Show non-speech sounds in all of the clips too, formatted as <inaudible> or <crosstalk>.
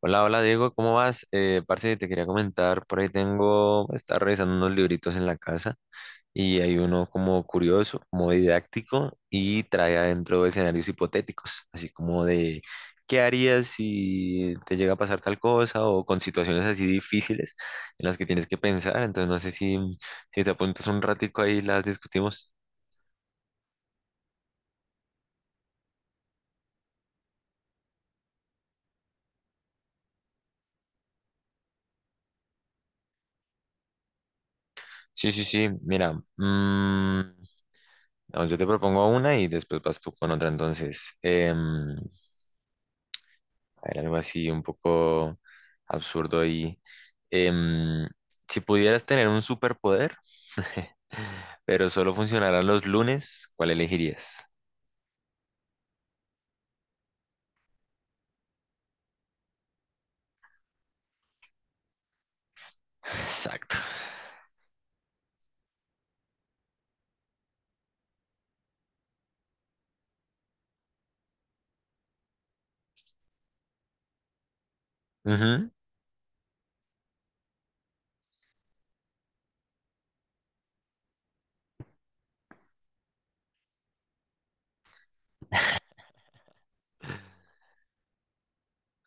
Hola, hola Diego, ¿cómo vas? Parce, te quería comentar, por ahí tengo, estaba revisando unos libritos en la casa y hay uno como curioso, como didáctico y trae adentro escenarios hipotéticos, así como de qué harías si te llega a pasar tal cosa o con situaciones así difíciles en las que tienes que pensar. Entonces no sé si te apuntas un ratico ahí y las discutimos. Sí, sí, sí, mira. No, yo te propongo una y después vas tú con otra. Entonces, era algo así un poco absurdo ahí. Em, si pudieras tener un superpoder, <laughs> pero solo funcionarán los lunes, ¿cuál elegirías? <laughs> Exacto. Ujú.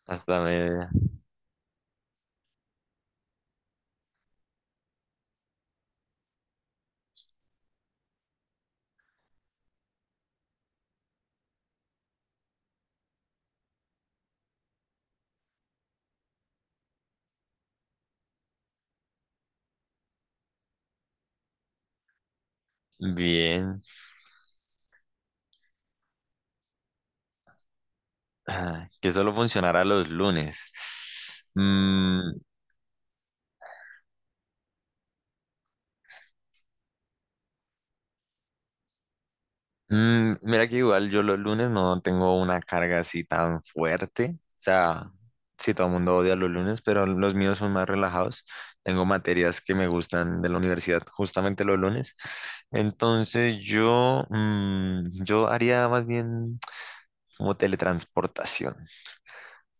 Hasta me... Bien. Ah, que solo funcionará los lunes? Mm. Mira que igual yo los lunes no tengo una carga así tan fuerte. O sea, sí, todo el mundo odia los lunes, pero los míos son más relajados. Tengo materias que me gustan de la universidad justamente los lunes. Entonces yo haría más bien como teletransportación.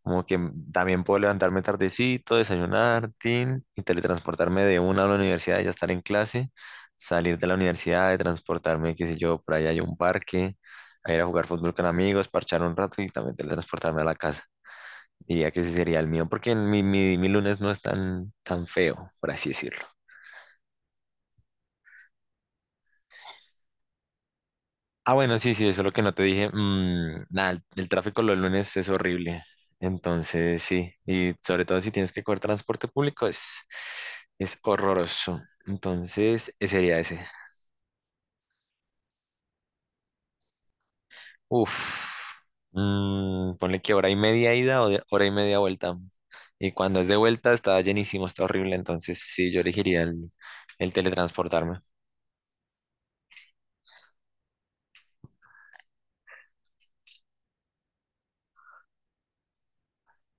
Como que también puedo levantarme tardecito, desayunar, tin, y teletransportarme de una a la universidad, ya estar en clase, salir de la universidad, de transportarme, qué sé yo, por ahí hay un parque, a ir a jugar fútbol con amigos, parchar un rato y también teletransportarme a la casa. Diría que ese sería el mío, porque mi lunes no es tan, tan feo, por así decirlo. Ah, bueno, sí, sí, eso es lo que no te dije. Nada, el tráfico los lunes es horrible. Entonces, sí, y sobre todo si tienes que coger transporte público, es horroroso. Entonces, ese sería ese. Uf. Ponle que hora y media ida o hora y media vuelta. Y cuando es de vuelta, está llenísimo, está horrible. Entonces, sí, yo elegiría el teletransportarme.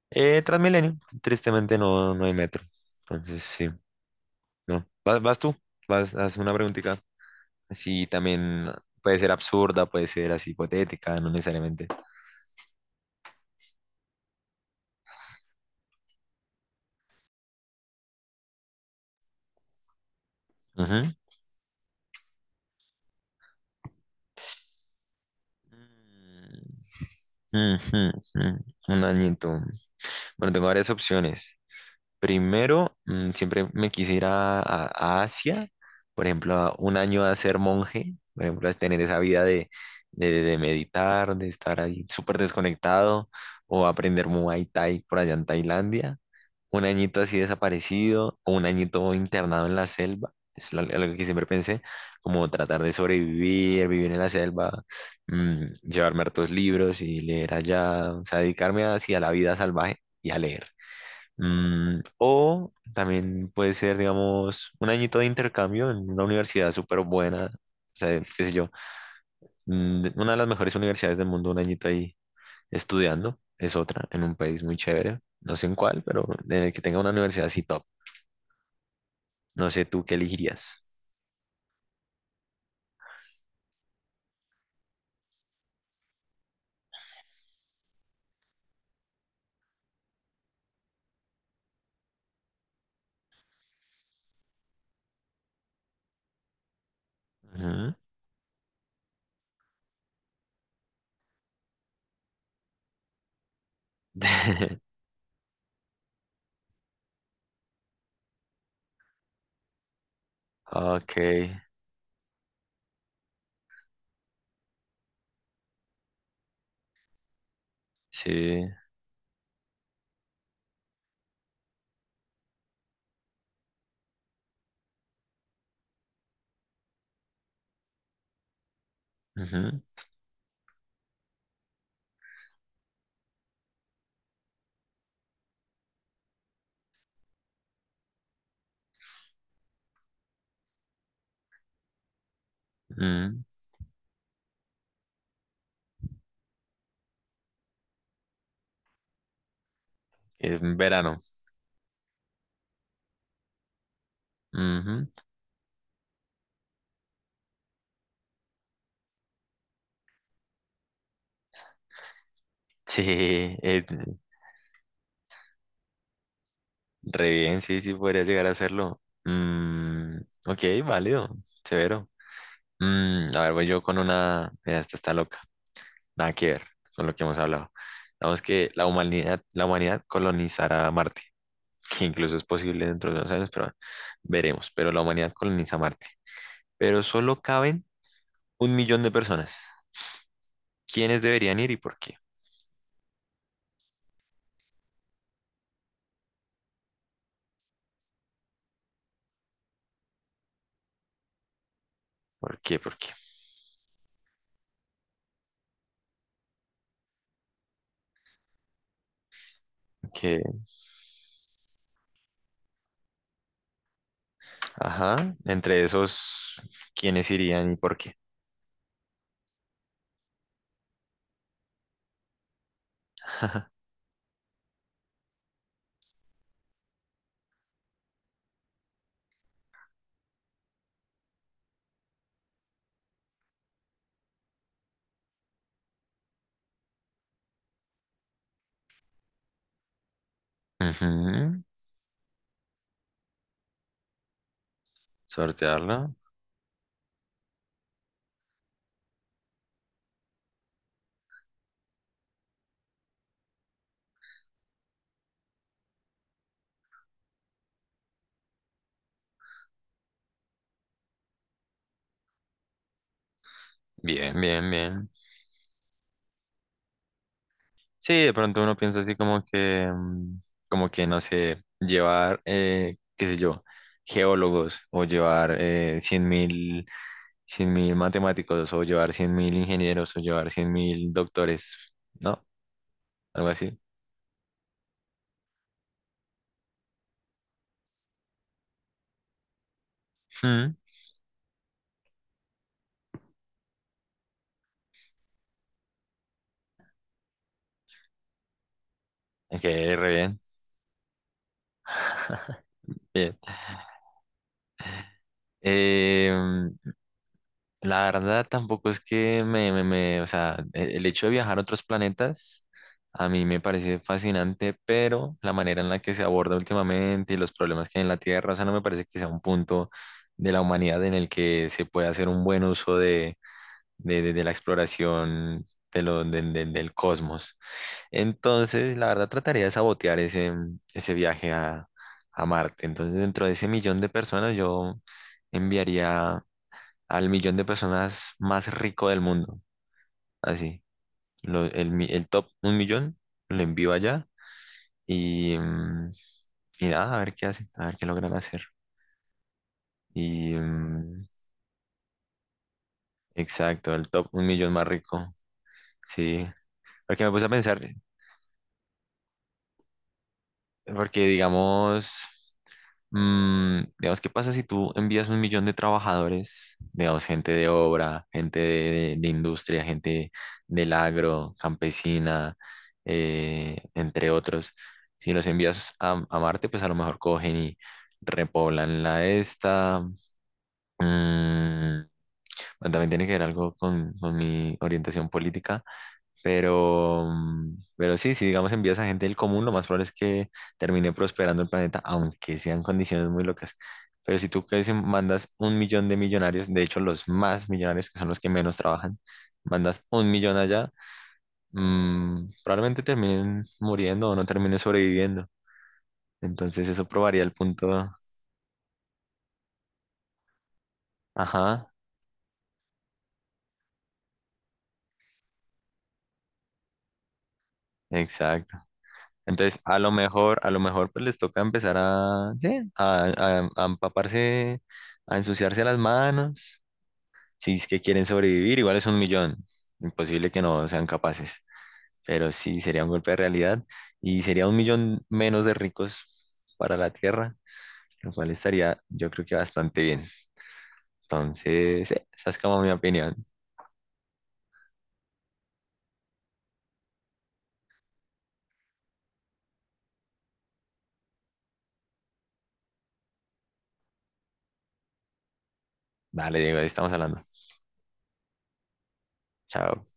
Transmilenio, tristemente no, no hay metro. Entonces, sí, no. ¿Vas tú? Vas, haz una preguntita. Sí, también puede ser absurda, puede ser así hipotética, no necesariamente. Ujú. Mm, mm, mm. Un añito. Bueno, tengo varias opciones. Primero, siempre me quisiera Asia, por ejemplo, a un año a ser monje, por ejemplo, a tener esa vida de, de meditar, de estar ahí súper desconectado, o aprender Muay Thai por allá en Tailandia. Un añito así desaparecido o un añito internado en la selva. Algo que siempre pensé, como tratar de sobrevivir, vivir en la selva. Llevarme hartos libros y leer allá, o sea, dedicarme hacia la vida salvaje y a leer. O también puede ser, digamos, un añito de intercambio en una universidad súper buena, o sea, qué sé yo, una de las mejores universidades del mundo, un añito ahí estudiando, es otra, en un país muy chévere, no sé en cuál, pero en el que tenga una universidad así top. No sé tú qué elegirías. Ujú. <laughs> Ok, sí. Ujú. mm, En verano. Ujú. Sí, eh, re bien, sí, sí, podría llegar a hacerlo. Ok, válido, severo. A ver, voy yo con una. Mira, esta está loca. Nada que ver con lo que hemos hablado. Digamos que la humanidad colonizará Marte, que incluso es posible dentro de unos años, pero veremos. Pero la humanidad coloniza Marte. Pero solo caben 1 millón de personas. ¿Quiénes deberían ir y por qué? ¿Por qué? ¿Por qué? Que, ajá, entre esos, ¿quiénes irían y por qué? <laughs> Ujú. Sortearla. Bien, bien, bien. Sí, de pronto uno piensa así como que, como que, no sé, llevar, qué sé yo, geólogos o llevar 100.000, 100.000 matemáticos o llevar 100.000 ingenieros o llevar cien mil doctores, ¿no? Algo así. Mm, Ok, re bien. <laughs> Bien. Eh, la verdad tampoco es que o sea, el hecho de viajar a otros planetas a mí me parece fascinante, pero la manera en la que se aborda últimamente y los problemas que hay en la Tierra, o sea, no me parece que sea un punto de la humanidad en el que se pueda hacer un buen uso de, la exploración de lo, de- del cosmos. Entonces, la verdad trataría de sabotear ese viaje a Marte. Entonces, dentro de ese millón de personas, yo... enviaría al millón de personas más rico del mundo. Así, el top 1 millón lo envío allá. Y, mm, y nada, a ver qué hacen, a ver qué logran hacer. Y exacto, el top un millón más rico. Sí, porque me puse a pensar, porque digamos. Digamos, ¿qué pasa si tú envías 1 millón de trabajadores, digamos, gente de obra, gente de industria, gente del agro, campesina, entre otros? Si los envías a Marte, pues a lo mejor cogen y repoblan la esta. Mm, bueno, también tiene que ver algo con mi orientación política. Pero sí, si digamos envías a gente del común, lo más probable es que termine prosperando el planeta, aunque sean condiciones muy locas. Pero si tú que mandas 1 millón de millonarios, de hecho los más millonarios, que son los que menos trabajan, mandas un millón allá. Probablemente terminen muriendo o no terminen sobreviviendo. Entonces eso probaría el punto. Ajá, exacto. Entonces a lo mejor pues les toca empezar a, sí, a empaparse, a ensuciarse las manos si es que quieren sobrevivir, igual es 1 millón. Imposible que no sean capaces. Pero sí, sería un golpe de realidad y sería 1 millón menos de ricos para la Tierra, lo cual estaría, yo creo que bastante bien. Entonces, esa es como mi opinión. Vale, Diego, ahí estamos hablando. Chao.